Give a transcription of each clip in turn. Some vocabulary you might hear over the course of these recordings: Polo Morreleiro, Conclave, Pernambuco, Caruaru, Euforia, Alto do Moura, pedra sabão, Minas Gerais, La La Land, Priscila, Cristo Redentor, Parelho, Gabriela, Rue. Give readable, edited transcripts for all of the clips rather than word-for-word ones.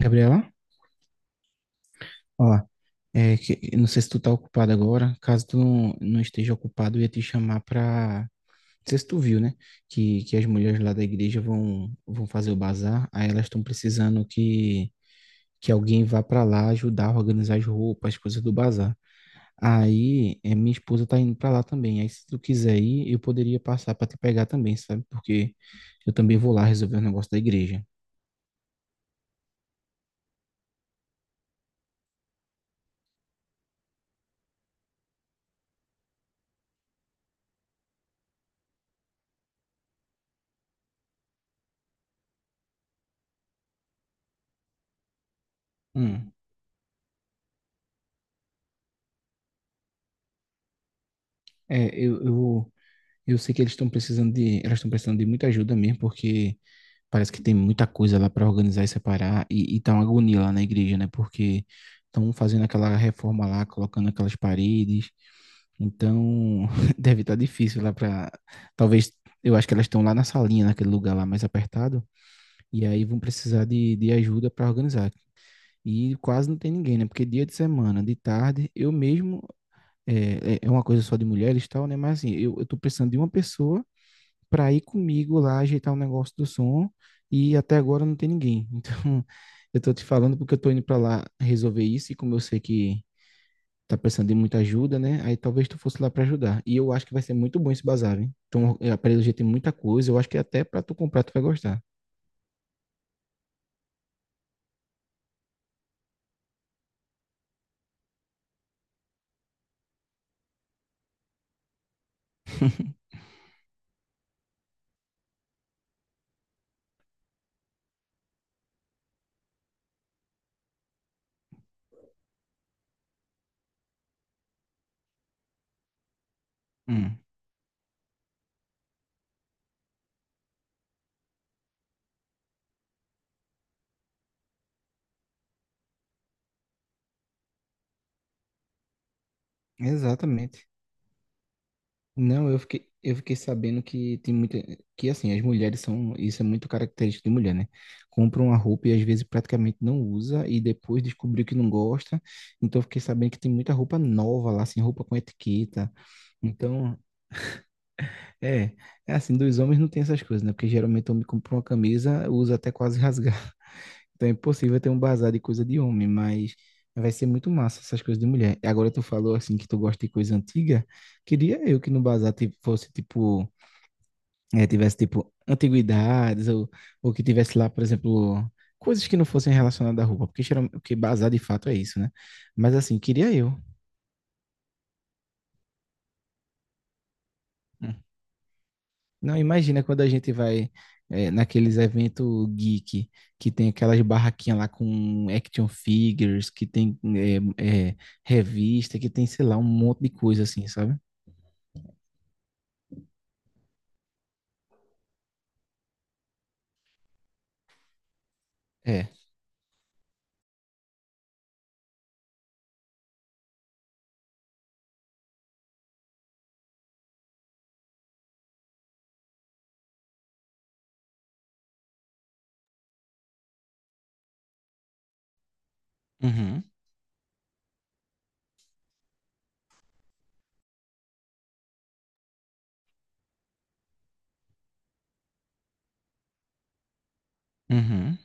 Gabriela, ó, é que não sei se tu tá ocupado agora, caso tu não, não esteja ocupado, eu ia te chamar pra. Não sei se tu viu, né? Que as mulheres lá da igreja vão fazer o bazar, aí elas estão precisando que alguém vá pra lá ajudar a organizar as roupas, as coisas do bazar. Aí, é, minha esposa tá indo pra lá também. Aí, se tu quiser ir, eu poderia passar pra te pegar também, sabe? Porque eu também vou lá resolver o negócio da igreja. Hum. É, eu, eu, Eu sei que eles estão precisando de, elas estão precisando de muita ajuda mesmo, porque parece que tem muita coisa lá para organizar e separar e tá uma agonia lá na igreja, né? Porque estão fazendo aquela reforma lá, colocando aquelas paredes. Então, deve estar difícil lá para talvez eu acho que elas estão lá na salinha, naquele lugar lá mais apertado, e aí vão precisar de ajuda para organizar. E quase não tem ninguém, né? Porque dia de semana, de tarde, eu mesmo é, é uma coisa só de mulheres e tal, né? Mas assim, eu tô precisando de uma pessoa para ir comigo lá ajeitar o negócio do som e até agora não tem ninguém. Então, eu tô te falando porque eu tô indo para lá resolver isso e como eu sei que tá precisando de muita ajuda, né? Aí talvez tu fosse lá para ajudar. E eu acho que vai ser muito bom esse bazar, hein? Então, a Parelho já tem muita coisa, eu acho que até para tu comprar tu vai gostar. Hum, exatamente. Não, eu fiquei sabendo que tem muita, que assim, as mulheres são, isso é muito característico de mulher, né? Compra uma roupa e às vezes praticamente não usa e depois descobriu que não gosta. Então eu fiquei sabendo que tem muita roupa nova lá, assim, roupa com etiqueta. Então, é, é assim, dos homens não tem essas coisas, né? Porque geralmente o homem compra uma camisa, usa até quase rasgar. Então é impossível ter um bazar de coisa de homem, mas vai ser muito massa essas coisas de mulher. Agora tu falou assim que tu gosta de coisa antiga. Queria eu que no bazar tipo, fosse tipo é, tivesse, tipo, antiguidades, ou que tivesse lá, por exemplo, coisas que não fossem relacionadas à roupa, porque, geralmente, porque bazar de fato é isso, né? Mas assim, queria eu. Hum. Não, imagina quando a gente vai é, naqueles eventos geek, que tem aquelas barraquinhas lá com action figures, que tem é, é, revista, que tem, sei lá, um monte de coisa assim, sabe? É. Uhum, uhum.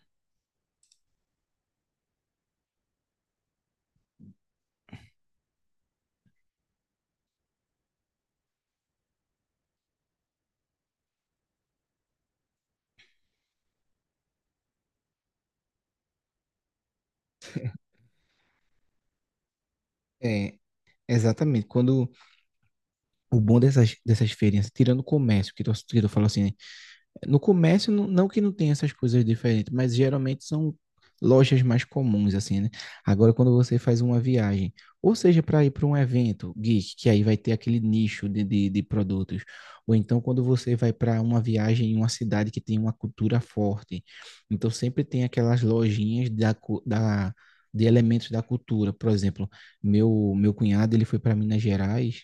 É, exatamente. Quando o bom dessas, dessas feirinhas, tirando o comércio, que tu falou assim, né? No comércio, não, não que não tenha essas coisas diferentes, mas geralmente são lojas mais comuns, assim, né? Agora, quando você faz uma viagem, ou seja, para ir para um evento geek, que aí vai ter aquele nicho de produtos, ou então quando você vai para uma viagem em uma cidade que tem uma cultura forte, então sempre tem aquelas lojinhas da, cu- da, de elementos da cultura. Por exemplo, meu cunhado, ele foi para Minas Gerais,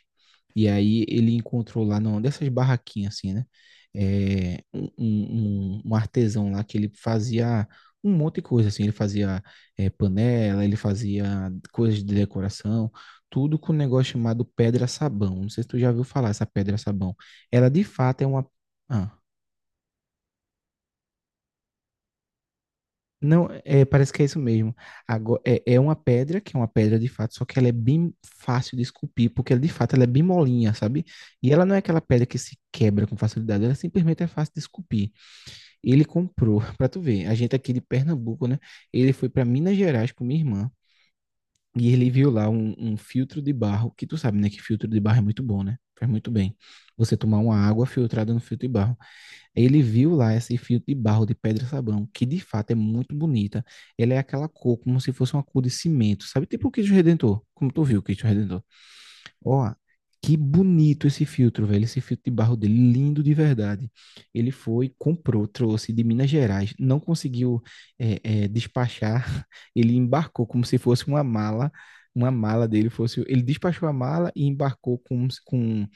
e aí ele encontrou lá, não, dessas barraquinhas, assim, né? é, um, um artesão lá que ele fazia um monte de coisa, assim, ele fazia é, panela, ele fazia coisas de decoração, tudo com um negócio chamado pedra sabão. Não sei se tu já ouviu falar essa pedra sabão. Ela de fato é uma. Ah, não, é, parece que é isso mesmo. Agora, é, é uma pedra, que é uma pedra de fato, só que ela é bem fácil de esculpir, porque ela de fato ela é bem molinha, sabe? E ela não é aquela pedra que se quebra com facilidade, ela simplesmente é fácil de esculpir. Ele comprou, para tu ver, a gente aqui de Pernambuco, né? Ele foi para Minas Gerais com minha irmã e ele viu lá um, um filtro de barro, que tu sabe, né? Que filtro de barro é muito bom, né? Faz muito bem. Você tomar uma água filtrada no filtro de barro. Aí ele viu lá esse filtro de barro de pedra sabão, que de fato é muito bonita. Ela é aquela cor como se fosse uma cor de cimento, sabe? Tipo o Cristo Redentor, como tu viu o Cristo Redentor. Ó, que bonito esse filtro, velho. Esse filtro de barro dele, lindo de verdade. Ele foi, comprou, trouxe de Minas Gerais, não conseguiu despachar. Ele embarcou como se fosse uma mala. Uma mala dele fosse. Ele despachou a mala e embarcou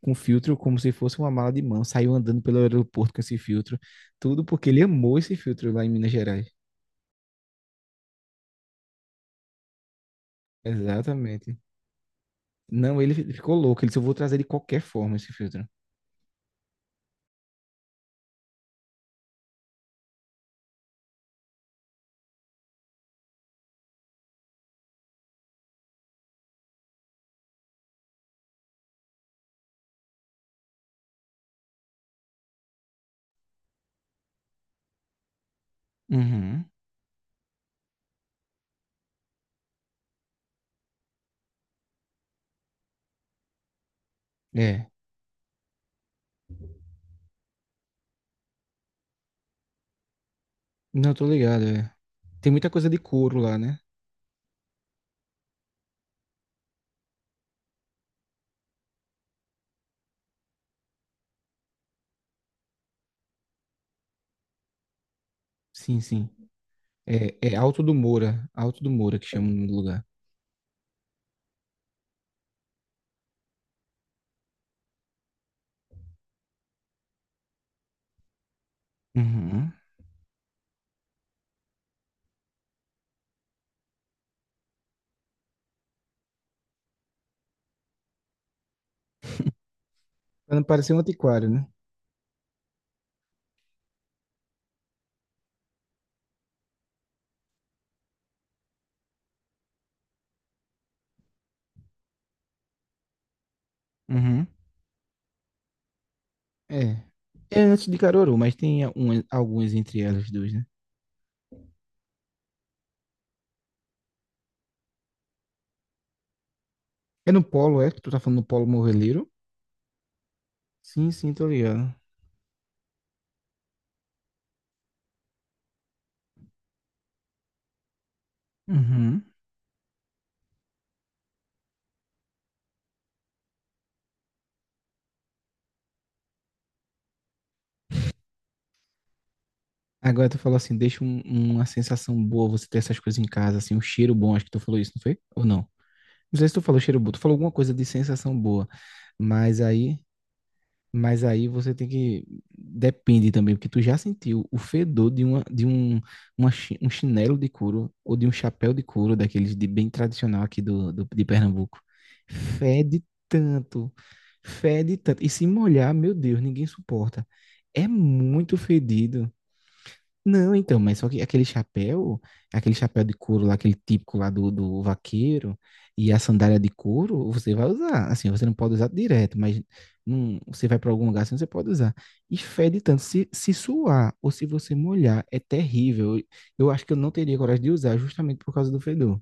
com filtro como se fosse uma mala de mão. Saiu andando pelo aeroporto com esse filtro. Tudo porque ele amou esse filtro lá em Minas Gerais. Exatamente. Não, ele ficou louco. Ele disse: eu vou trazer de qualquer forma esse filtro. Uhum. É. Não, tô ligado, é. Tem muita coisa de couro lá, né? Sim, sim. É, é Alto do Moura. Alto do Moura que chama o nome do lugar. Uhum. Pra não parecer um antiquário, né? Uhum. É. É antes de Caruaru, mas tem algumas entre elas duas, né? É no Polo, é? Que tu tá falando do Polo Morreleiro? Sim, sim, tô ligado. Uhum. Agora tu falou assim, deixa um- uma sensação boa você ter essas coisas em casa, assim, um cheiro bom, acho que tu falou isso, não foi? Ou não? Não sei se tu falou cheiro bom, tu falou alguma coisa de sensação boa, mas aí... Mas aí você tem que. Depende também, porque tu já sentiu o fedor de, uma, de um, uma chi- um chinelo de couro ou de um chapéu de couro, daqueles de bem tradicional aqui do, do- de Pernambuco. Fede tanto, fede tanto. E se molhar, meu Deus, ninguém suporta. É muito fedido. Não, então, mas só que aquele chapéu de couro lá, aquele típico lá do, do vaqueiro, e a sandália de couro, você vai usar. Assim, você não pode usar direto, mas não, você vai para algum lugar assim, você pode usar. E fede tanto. Se suar ou se você molhar, é terrível. Eu acho que eu não teria coragem de usar justamente por causa do fedor.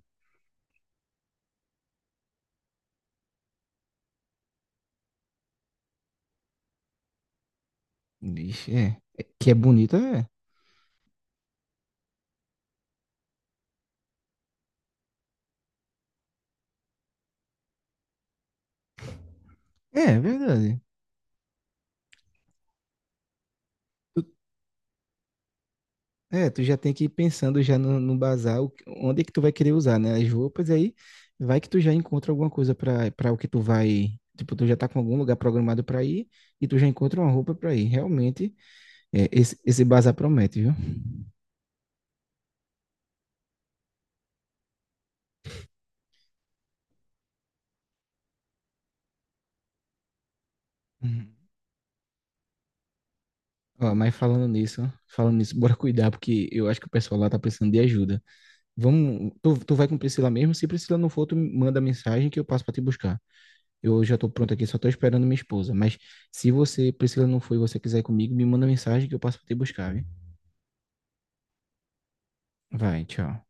Vixe, é. É- Que é bonito, é. É, é verdade. É, tu já tem que ir pensando já no, no bazar, o- onde é que tu vai querer usar, né? As roupas, e aí vai que tu já encontra alguma coisa para para o que tu vai. Tipo, tu já tá com algum lugar programado para ir e tu já encontra uma roupa para ir. Realmente, é, esse bazar promete, viu? Uhum. Ó, mas falando nisso, bora cuidar, porque eu acho que o pessoal lá tá precisando de ajuda. Vamos, tu, tu vai com Priscila mesmo? Se Priscila não for, tu me manda mensagem que eu passo para te buscar. Eu já estou pronto aqui, só estou esperando minha esposa. Mas se você, Priscila, não foi e você quiser ir comigo, me manda mensagem que eu passo para te buscar, viu? Vai, tchau.